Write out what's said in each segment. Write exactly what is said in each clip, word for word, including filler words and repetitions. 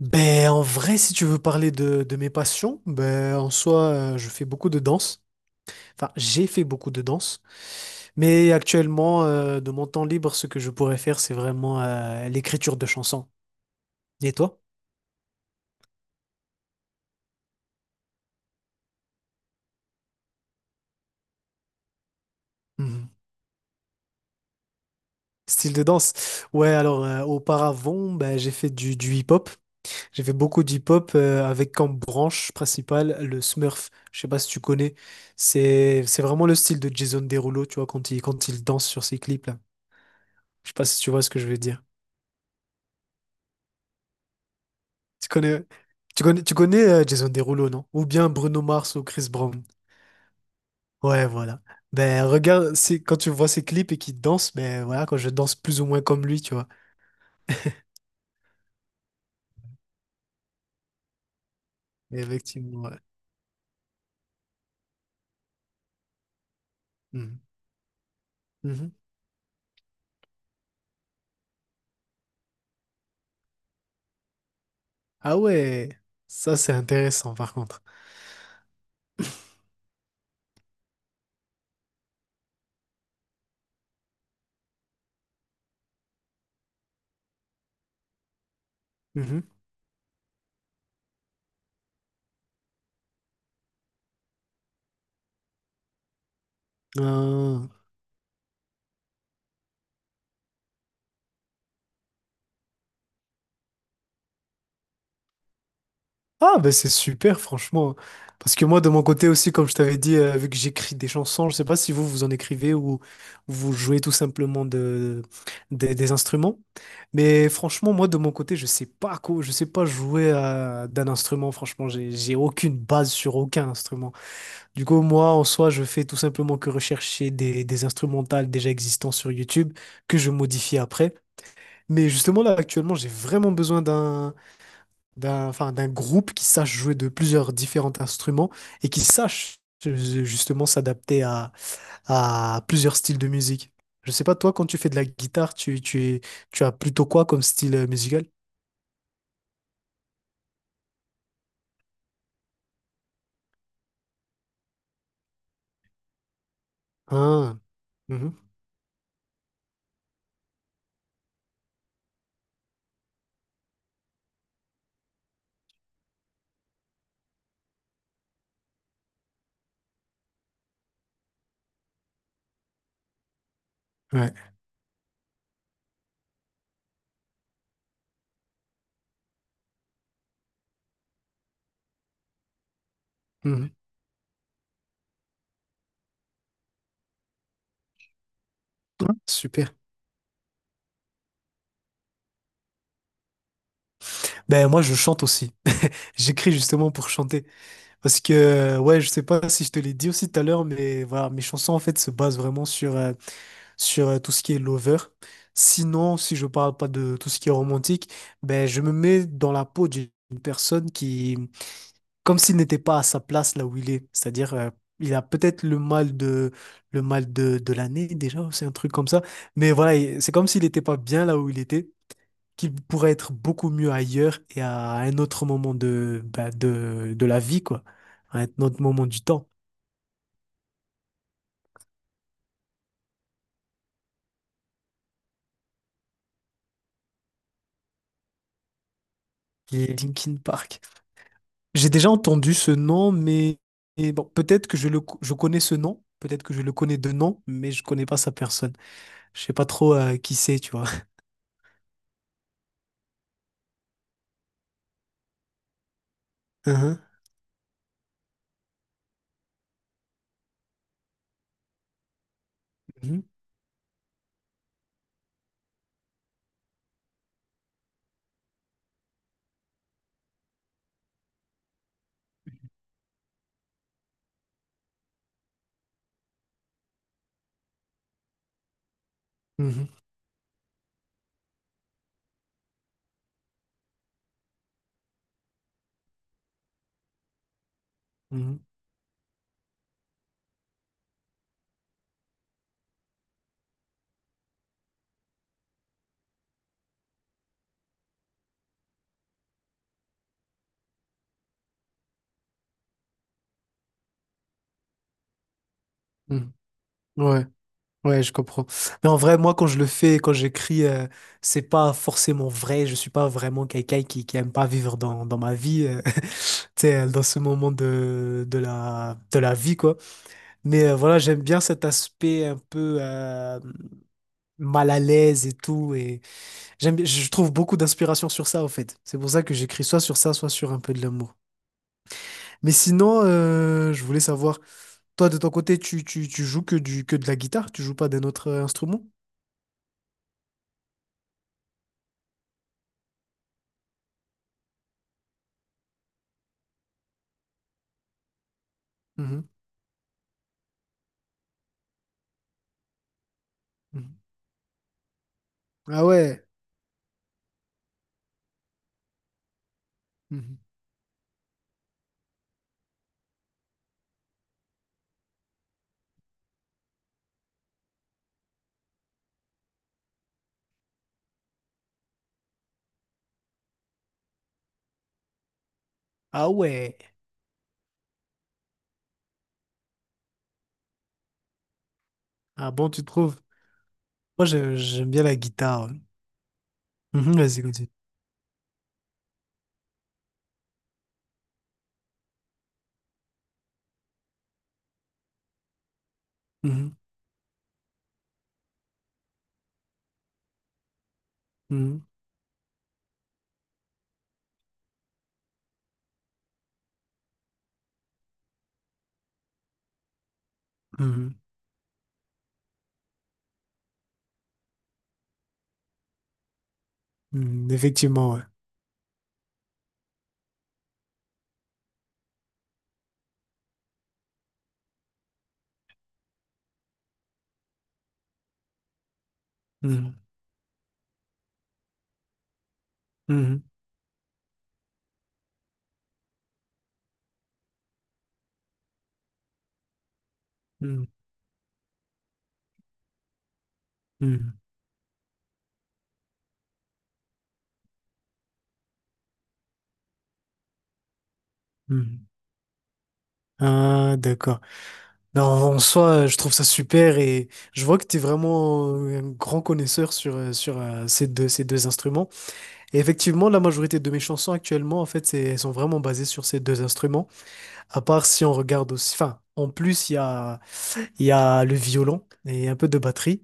Ben, en vrai, si tu veux parler de, de mes passions, ben, en soi, euh, je fais beaucoup de danse. Enfin, j'ai fait beaucoup de danse. Mais actuellement, euh, de mon temps libre, ce que je pourrais faire, c'est vraiment euh, l'écriture de chansons. Et toi? Mhm. Style de danse. Ouais, alors euh, auparavant, ben, j'ai fait du, du hip-hop. J'ai fait beaucoup d'hip-hop euh, avec comme branche principale le Smurf. Je sais pas si tu connais. C'est c'est vraiment le style de Jason Derulo, tu vois, quand il, quand il danse sur ses clips là. Je sais pas si tu vois ce que je veux dire. Tu connais, tu connais, tu connais euh, Jason Derulo, non? Ou bien Bruno Mars ou Chris Brown. Ouais, voilà. Ben regarde, c'est quand tu vois ses clips et qu'il danse, ben voilà, quand je danse plus ou moins comme lui, tu vois. Et effectivement, ouais. Mhm. Mhm. Ah ouais, ça c'est intéressant par contre. Mhm. Ah. Ah, ben c'est super, franchement. Parce que moi, de mon côté aussi, comme je t'avais dit, euh, vu que j'écris des chansons, je sais pas si vous, vous en écrivez ou vous jouez tout simplement de, des des instruments. Mais franchement, moi, de mon côté, je sais pas quoi, je sais pas jouer à- d'un instrument. Franchement, j'ai, j'ai aucune base sur aucun instrument. Du coup, moi, en soi, je fais tout simplement que rechercher des, des instrumentales déjà existants sur YouTube que je modifie après. Mais justement, là, actuellement, j'ai vraiment besoin d'un d'un enfin, d'un groupe qui sache jouer de plusieurs différents instruments et qui sache euh, justement s'adapter à, à plusieurs styles de musique. Je sais pas, toi, quand tu fais de la guitare, tu, tu, es- tu as plutôt quoi comme style euh, musical? Ah, mhm, ouais. mhm. Ouais, Super. Ben moi je chante aussi. J'écris justement pour chanter parce que euh, ouais, je sais pas si je te l'ai dit aussi tout à l'heure mais voilà, mes chansons en fait se basent vraiment sur euh, sur euh, tout ce qui est lover. Sinon, si je parle pas de tout ce qui est romantique, ben je me mets dans la peau d'une personne qui, comme s'il n'était pas à sa place là où il est. C'est-à-dire, euh, il a peut-être le mal de, le mal de, de l'année déjà, c'est un truc comme ça. Mais voilà, il- c'est comme s'il n'était pas bien là où il était, qu'il pourrait être beaucoup mieux ailleurs et à un autre moment de, bah, de, de la vie, quoi. À un autre moment du temps. Il est Linkin Park. J'ai déjà entendu ce nom, mais et bon, peut-être que je le co- je connais ce nom, peut-être que je le connais de nom, mais je connais pas sa personne. Je sais pas trop euh, qui c'est, tu vois. Mhm, mhm, mhm, mhm, mhm. Ouais, ouais, je comprends. Mais en vrai, moi, quand je le fais, quand j'écris, euh, c'est pas forcément vrai. Je suis pas vraiment quelqu'un qui, qui aime pas vivre dans, dans ma vie, euh, tu sais, euh, dans ce moment de, de la, de la vie, quoi. Mais euh, voilà, j'aime bien cet aspect un peu euh, mal à l'aise et tout. Et, J'aime, bien- je trouve beaucoup d'inspiration sur ça, en fait. C'est pour ça que j'écris soit sur ça, soit sur un peu de l'amour. Mais sinon, euh, je voulais savoir, toi, de ton côté, tu, tu, tu joues que du, que de la guitare? Tu joues pas d'un autre euh, instrument? Mhm, mhm. Ah ouais. mhm. Ah ouais. Ah bon, tu trouves? Moi, je- j'aime bien la guitare. Ouais. Mhm, vas-y, continue. Mhm, mhm, mhm, mhm. Effectivement, ouais. Mhm, mhm, mhm, mhm, mhm. Ah, d'accord. Non, en soi, euh, je trouve ça super et je vois que tu es vraiment un grand connaisseur sur, euh, sur euh, ces deux, ces deux instruments. Et effectivement, la majorité de mes chansons actuellement, en fait, c'est, elles sont vraiment basées sur ces deux instruments. À part si on regarde aussi, enfin, en plus, il y a, il y a le violon et un peu de batterie.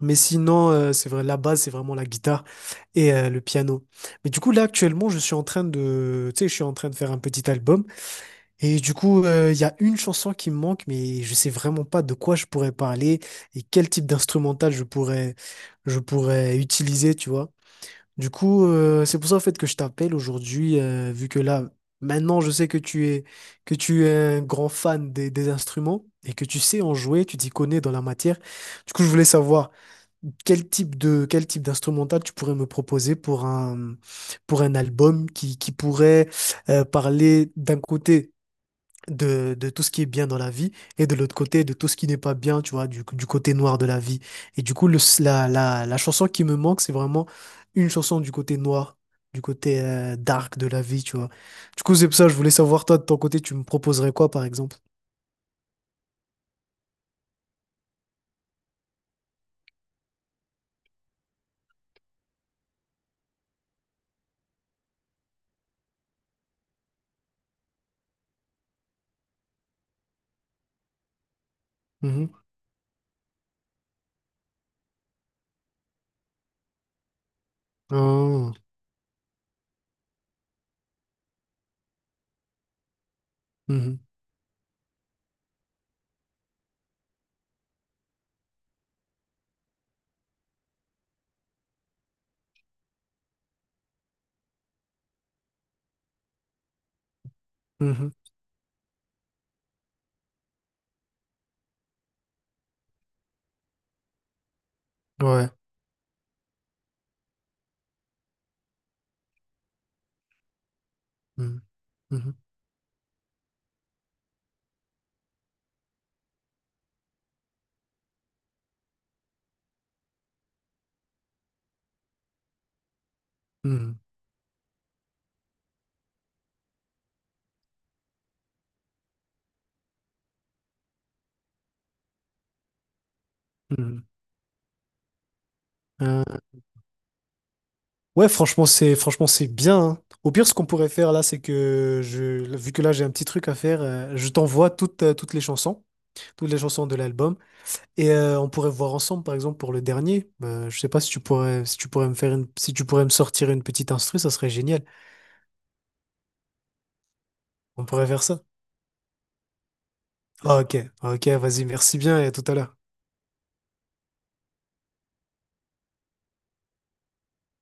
Mais sinon, euh, c'est vrai, la base, c'est vraiment la guitare et euh, le piano. Mais du coup, là, actuellement, je suis en train de, tu sais, je suis en train de faire un petit album. Et du coup, euh, il y a une chanson qui me manque, mais je sais vraiment pas de quoi je pourrais parler et quel type d'instrumental je pourrais, je pourrais utiliser, tu vois. Du coup, euh, c'est pour ça en fait que je t'appelle aujourd'hui, euh, vu que là, maintenant, je sais que tu es, que tu es un grand fan des, des instruments et que tu sais en jouer, tu t'y connais dans la matière. Du coup, je voulais savoir quel type de, quel type d'instrumental tu pourrais me proposer pour un, pour un album qui, qui pourrait euh, parler d'un côté de, de tout ce qui est bien dans la vie et de l'autre côté de tout ce qui n'est pas bien, tu vois, du, du côté noir de la vie. Et du coup, le, la, la, la chanson qui me manque, c'est vraiment une chanson du côté noir, du côté euh, dark de la vie, tu vois. Du coup, c'est pour ça, je voulais savoir, toi, de ton côté, tu me proposerais quoi, par exemple? Mhm. Ah. Mhm. Mhm. Ouais. Mhm. Mhm. Mhm. Mhm. Ouais, franchement, c'est franchement c'est bien, hein. Au pire, ce qu'on pourrait faire là, c'est que je, vu que là j'ai un petit truc à faire, euh, je t'envoie toutes euh, toutes les chansons, toutes les chansons de l'album, et euh, on pourrait voir ensemble, par exemple pour le dernier. Euh, je sais pas si tu pourrais si tu pourrais me faire une, si tu pourrais me sortir une petite instru, ça serait génial. On pourrait faire ça. Ah, ok, ok, vas-y, merci bien et à tout à l'heure.